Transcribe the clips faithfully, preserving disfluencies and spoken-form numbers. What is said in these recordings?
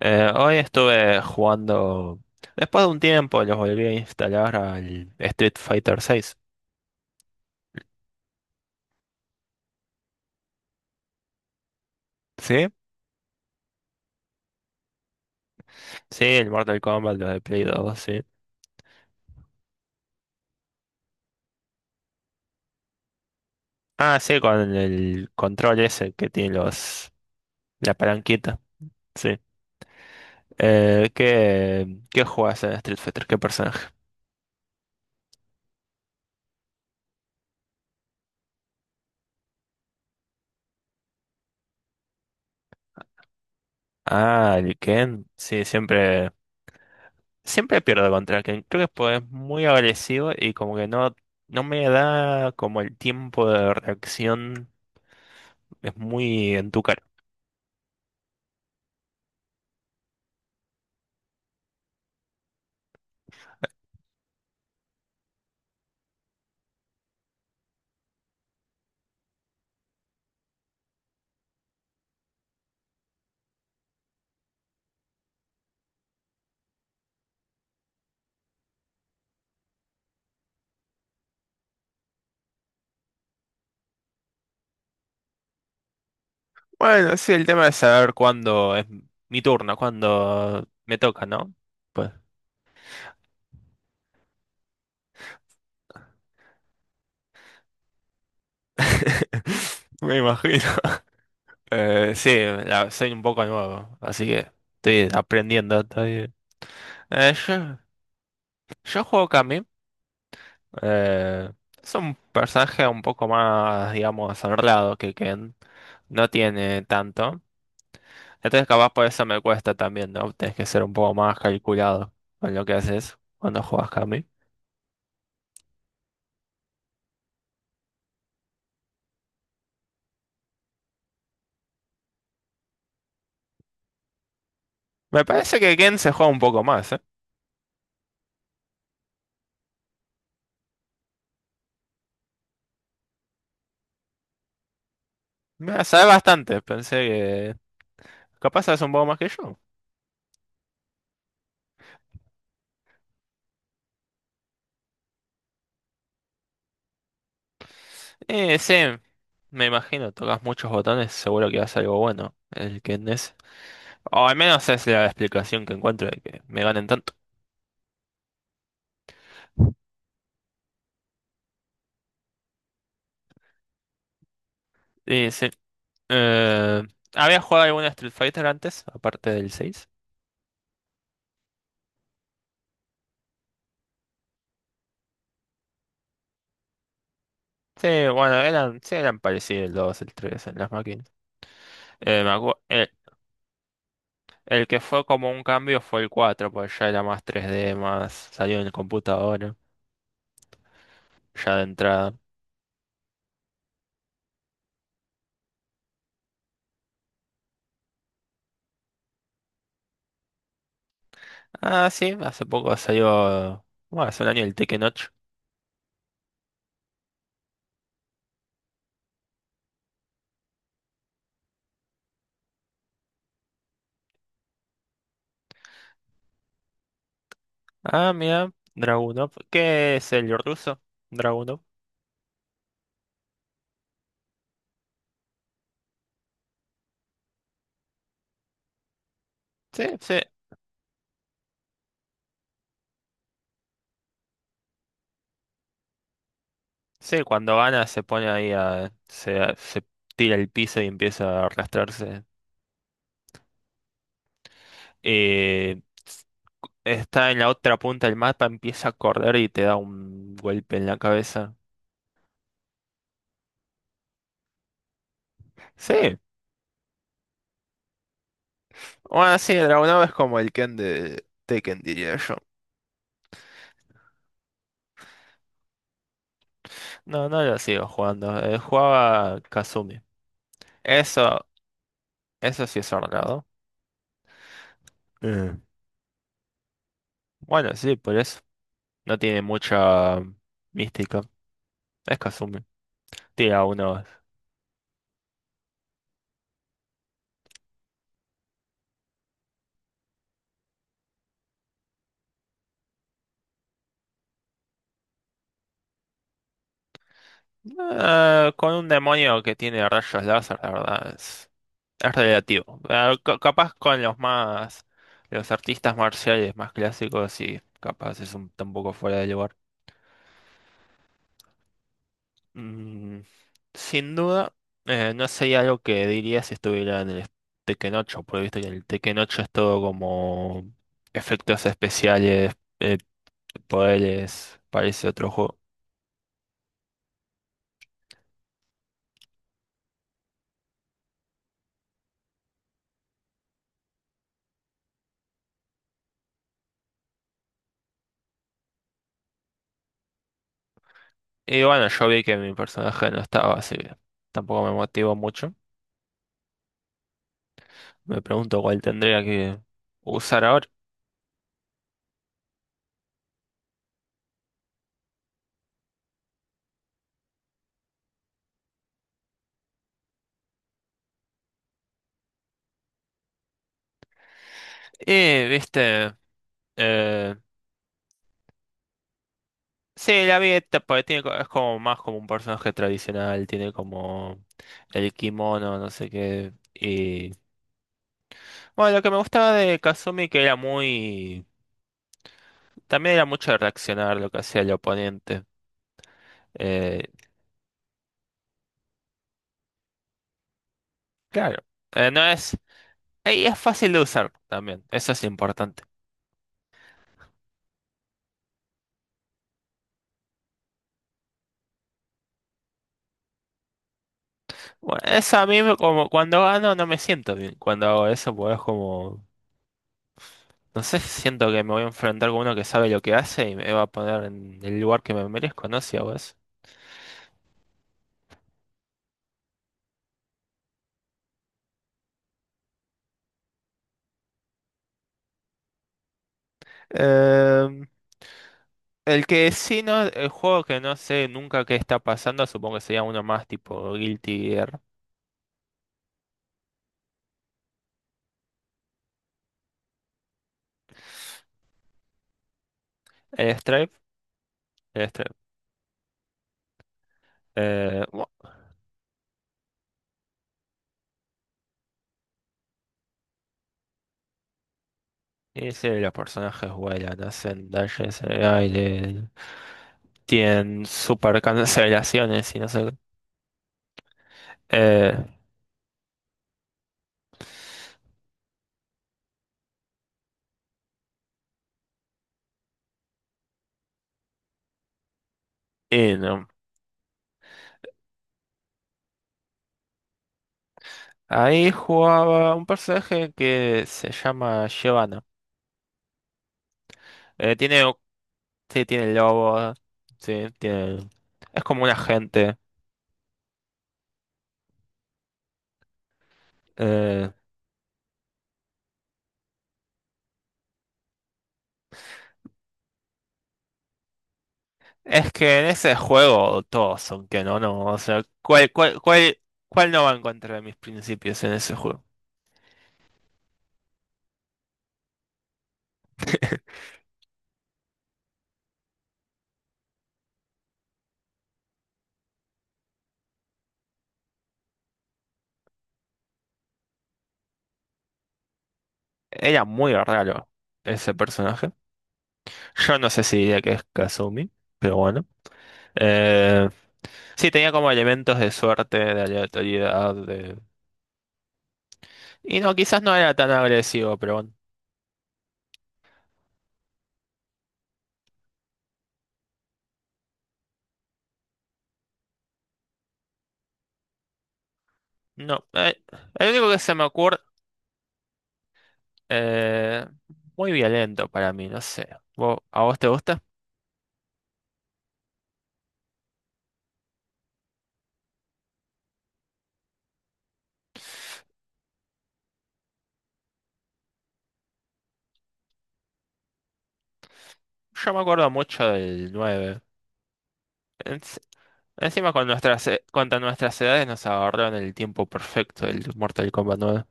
Eh, hoy estuve jugando, después de un tiempo, los volví a instalar al Street Fighter seis. ¿Sí? Sí, el Mortal Kombat, los de Play dos sí. Ah, sí, con el control ese que tiene los, la palanquita, sí. Eh, ¿qué, qué jugás en Street Fighter? ¿Qué personaje? Ah, el Ken, sí, siempre, siempre pierdo contra Ken. Creo que pues, es muy agresivo y como que no, no me da como el tiempo de reacción, es muy. Bueno, sí, el tema es saber cuándo es mi turno, cuándo me toca, ¿no? Pues. Me imagino. Eh, sí, la- Soy un poco nuevo, así que estoy aprendiendo todavía. Eh, yo, yo juego Kami. eh, es un personaje un poco más, digamos, honrado que Ken. No tiene tanto. Entonces, capaz por eso me cuesta también, ¿no? Tienes que ser un poco más calculado con lo que haces cuando juegas Kami. Me parece que Ken se juega un poco más, ¿eh? Mira, sabes bastante, pensé que capaz sabes un poco más que yo. Eh, sí, me imagino, tocas muchos botones, seguro que haces algo bueno. El que es. O al menos es la explicación que encuentro de que me ganen tanto. Y sí. Eh, ¿habías jugado alguna Street Fighter antes, aparte del seis? Sí, bueno, eran, sí eran parecidos el dos el tres en las máquinas. Eh, me acu- eh, el que fue como un cambio fue el cuatro porque ya era más tres D, más salió en el computador, ya de entrada. Ah, sí, hace poco salió, bueno, hace un año el Tekken ocho. Ah, mira, Dragunov. ¿Qué es el ruso? Dragunov. Sí, sí, sí, cuando gana se pone ahí a, se, se tira el piso y empieza a arrastrarse. Eh, está en la otra punta del mapa, empieza a correr y te da un golpe en la cabeza. Sí, bueno, sí, Dragunov es como el Ken de Tekken, diría yo. No, no lo sigo jugando. eh, jugaba Kazumi. Eso, Eso sí es ordenado. Eh, Bueno, sí, por eso. No tiene mucha mística. Es Kazumi. Tiene a unos. eh, con un demonio que tiene rayos láser, la verdad, es, es relativo. Eh, ca- capaz con los más. Los artistas marciales más clásicos, sí, capaz es un, está un poco fuera de lugar. Mm, sin duda, eh, no sería algo que diría si estuviera en el Tekken ocho, porque viste que el Tekken ocho es todo como efectos especiales. eh, poderes, parece otro juego. Y bueno, yo vi que mi personaje no estaba, así que tampoco me motivó mucho. Me pregunto cuál tendría que usar ahora. Y, viste, eh, sí, la vi, esta, porque tiene, co- es como más como un personaje tradicional, tiene como el kimono, no sé qué. Y bueno, lo que me gustaba de Kazumi que era muy... También era mucho de reaccionar lo que hacía el oponente. Eh, claro, eh, no es... Y es fácil de usar también, eso es importante. Bueno, eso a mí me- como cuando gano no me siento bien. Cuando hago eso, pues es como, no sé, siento que me voy a enfrentar con uno que sabe lo que hace y me va a poner en el lugar que me merezco, ¿no? Si hago eso. Em, el que sí, no, el juego que no sé nunca qué está pasando, supongo que sería uno más tipo Guilty Gear. El Stripe, el Stripe. Eh, bueno, ese de los personajes vuelan, hacen dashes en el aire, tienen super cancelaciones y no sé qué. Eh, y no, ahí jugaba un personaje que se llama Giovanna. Eh, tiene, o- sí, tiene lobo, sí, tiene, es como un agente. Eh, es que en ese juego todos son que no, no, o sea, ¿cuál, cuál, cuál, cuál no va en contra de mis principios en ese juego? Era muy raro ese personaje. Yo no sé si diría que es Kazumi, pero bueno. Eh, sí, tenía como elementos de suerte, de aleatoriedad, de... Y no, quizás no era tan agresivo, pero bueno. No, eh, el único que se me ocurre, eh, muy violento para mí, no sé. ¿Vo- ¿A vos te gusta? Yo me acuerdo mucho del nueve. Ens- Encima con nuestras, eh, contra nuestras edades nos agarraron el tiempo perfecto del Mortal Kombat nueve.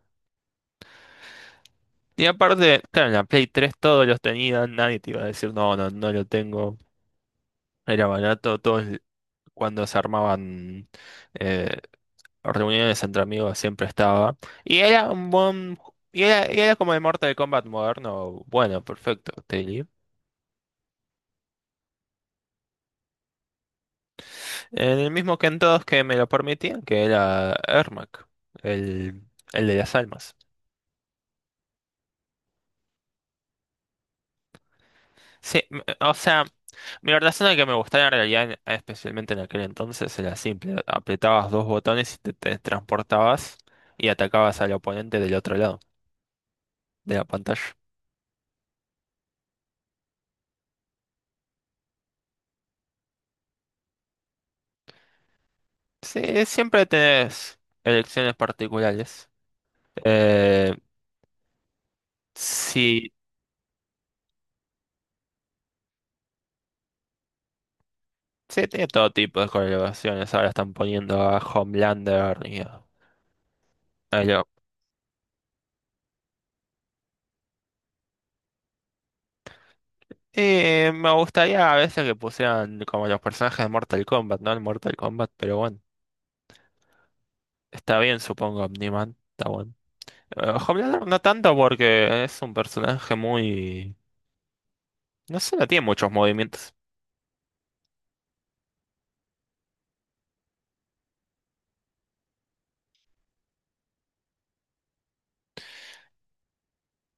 Y aparte, claro, en la Play tres todos los tenían, nadie te iba a decir, no, no, no lo tengo. Era barato, todos cuando se armaban eh, reuniones entre amigos siempre estaba. Y era un buen... Y era, y era como el Mortal Kombat moderno. Bueno, perfecto, Tilly. En el mismo que en todos que me lo permitían, que era Ermac, el, el de las almas. Sí, m- o sea, mi razón de que me gustaba en realidad, en- especialmente en aquel entonces, era simple. Apretabas dos botones y te, te transportabas y atacabas al oponente del otro lado de la pantalla. Sí, siempre tenés elecciones particulares. Eh, Sí, sí, tiene todo tipo de colaboraciones. Ahora están poniendo a Homelander y a a lo- Eh, Me gustaría a veces que pusieran como los personajes de Mortal Kombat, ¿no? El Mortal Kombat, pero bueno, está bien, supongo, Omniman, está bueno. Eh, Homelander no tanto porque es un personaje muy... No sé, no tiene muchos movimientos.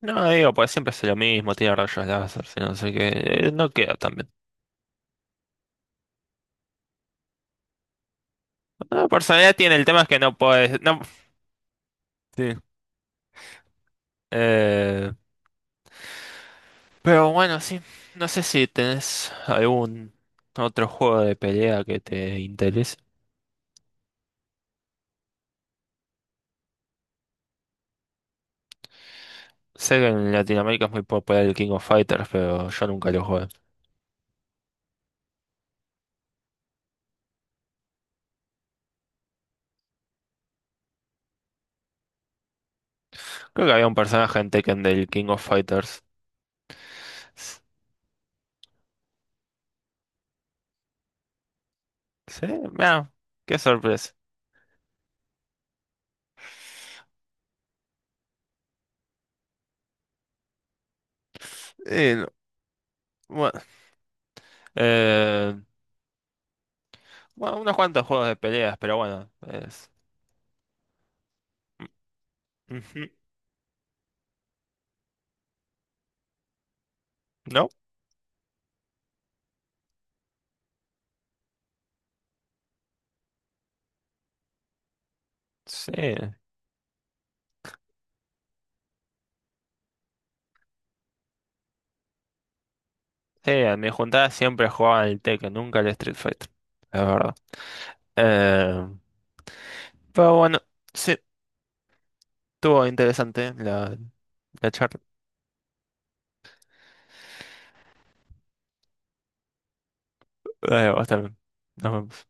No, digo, pues siempre hace lo mismo, tiene rayos láser, si no sé qué, eh, no queda tan bien. No, personalidad tiene, el tema es que no puedes... No, sí. Eh, Pero bueno, sí. No sé si tenés algún otro juego de pelea que te interese. Sé que en Latinoamérica es muy popular el King of Fighters, pero yo nunca lo jugué. Creo que había un personaje en Tekken del King of Fighters. S- Sí, mira, qué sorpresa. Y, bueno, eh, bueno, unos cuantos juegos de peleas, pero bueno, es... Ujú, ¿no? Sí, sí, en mi juntada siempre jugaban el Tekken, nunca el Street Fighter, es verdad. Eh, pero bueno. Sí. Estuvo interesante la, la charla. Eh, va a estar, bien. nos vemos.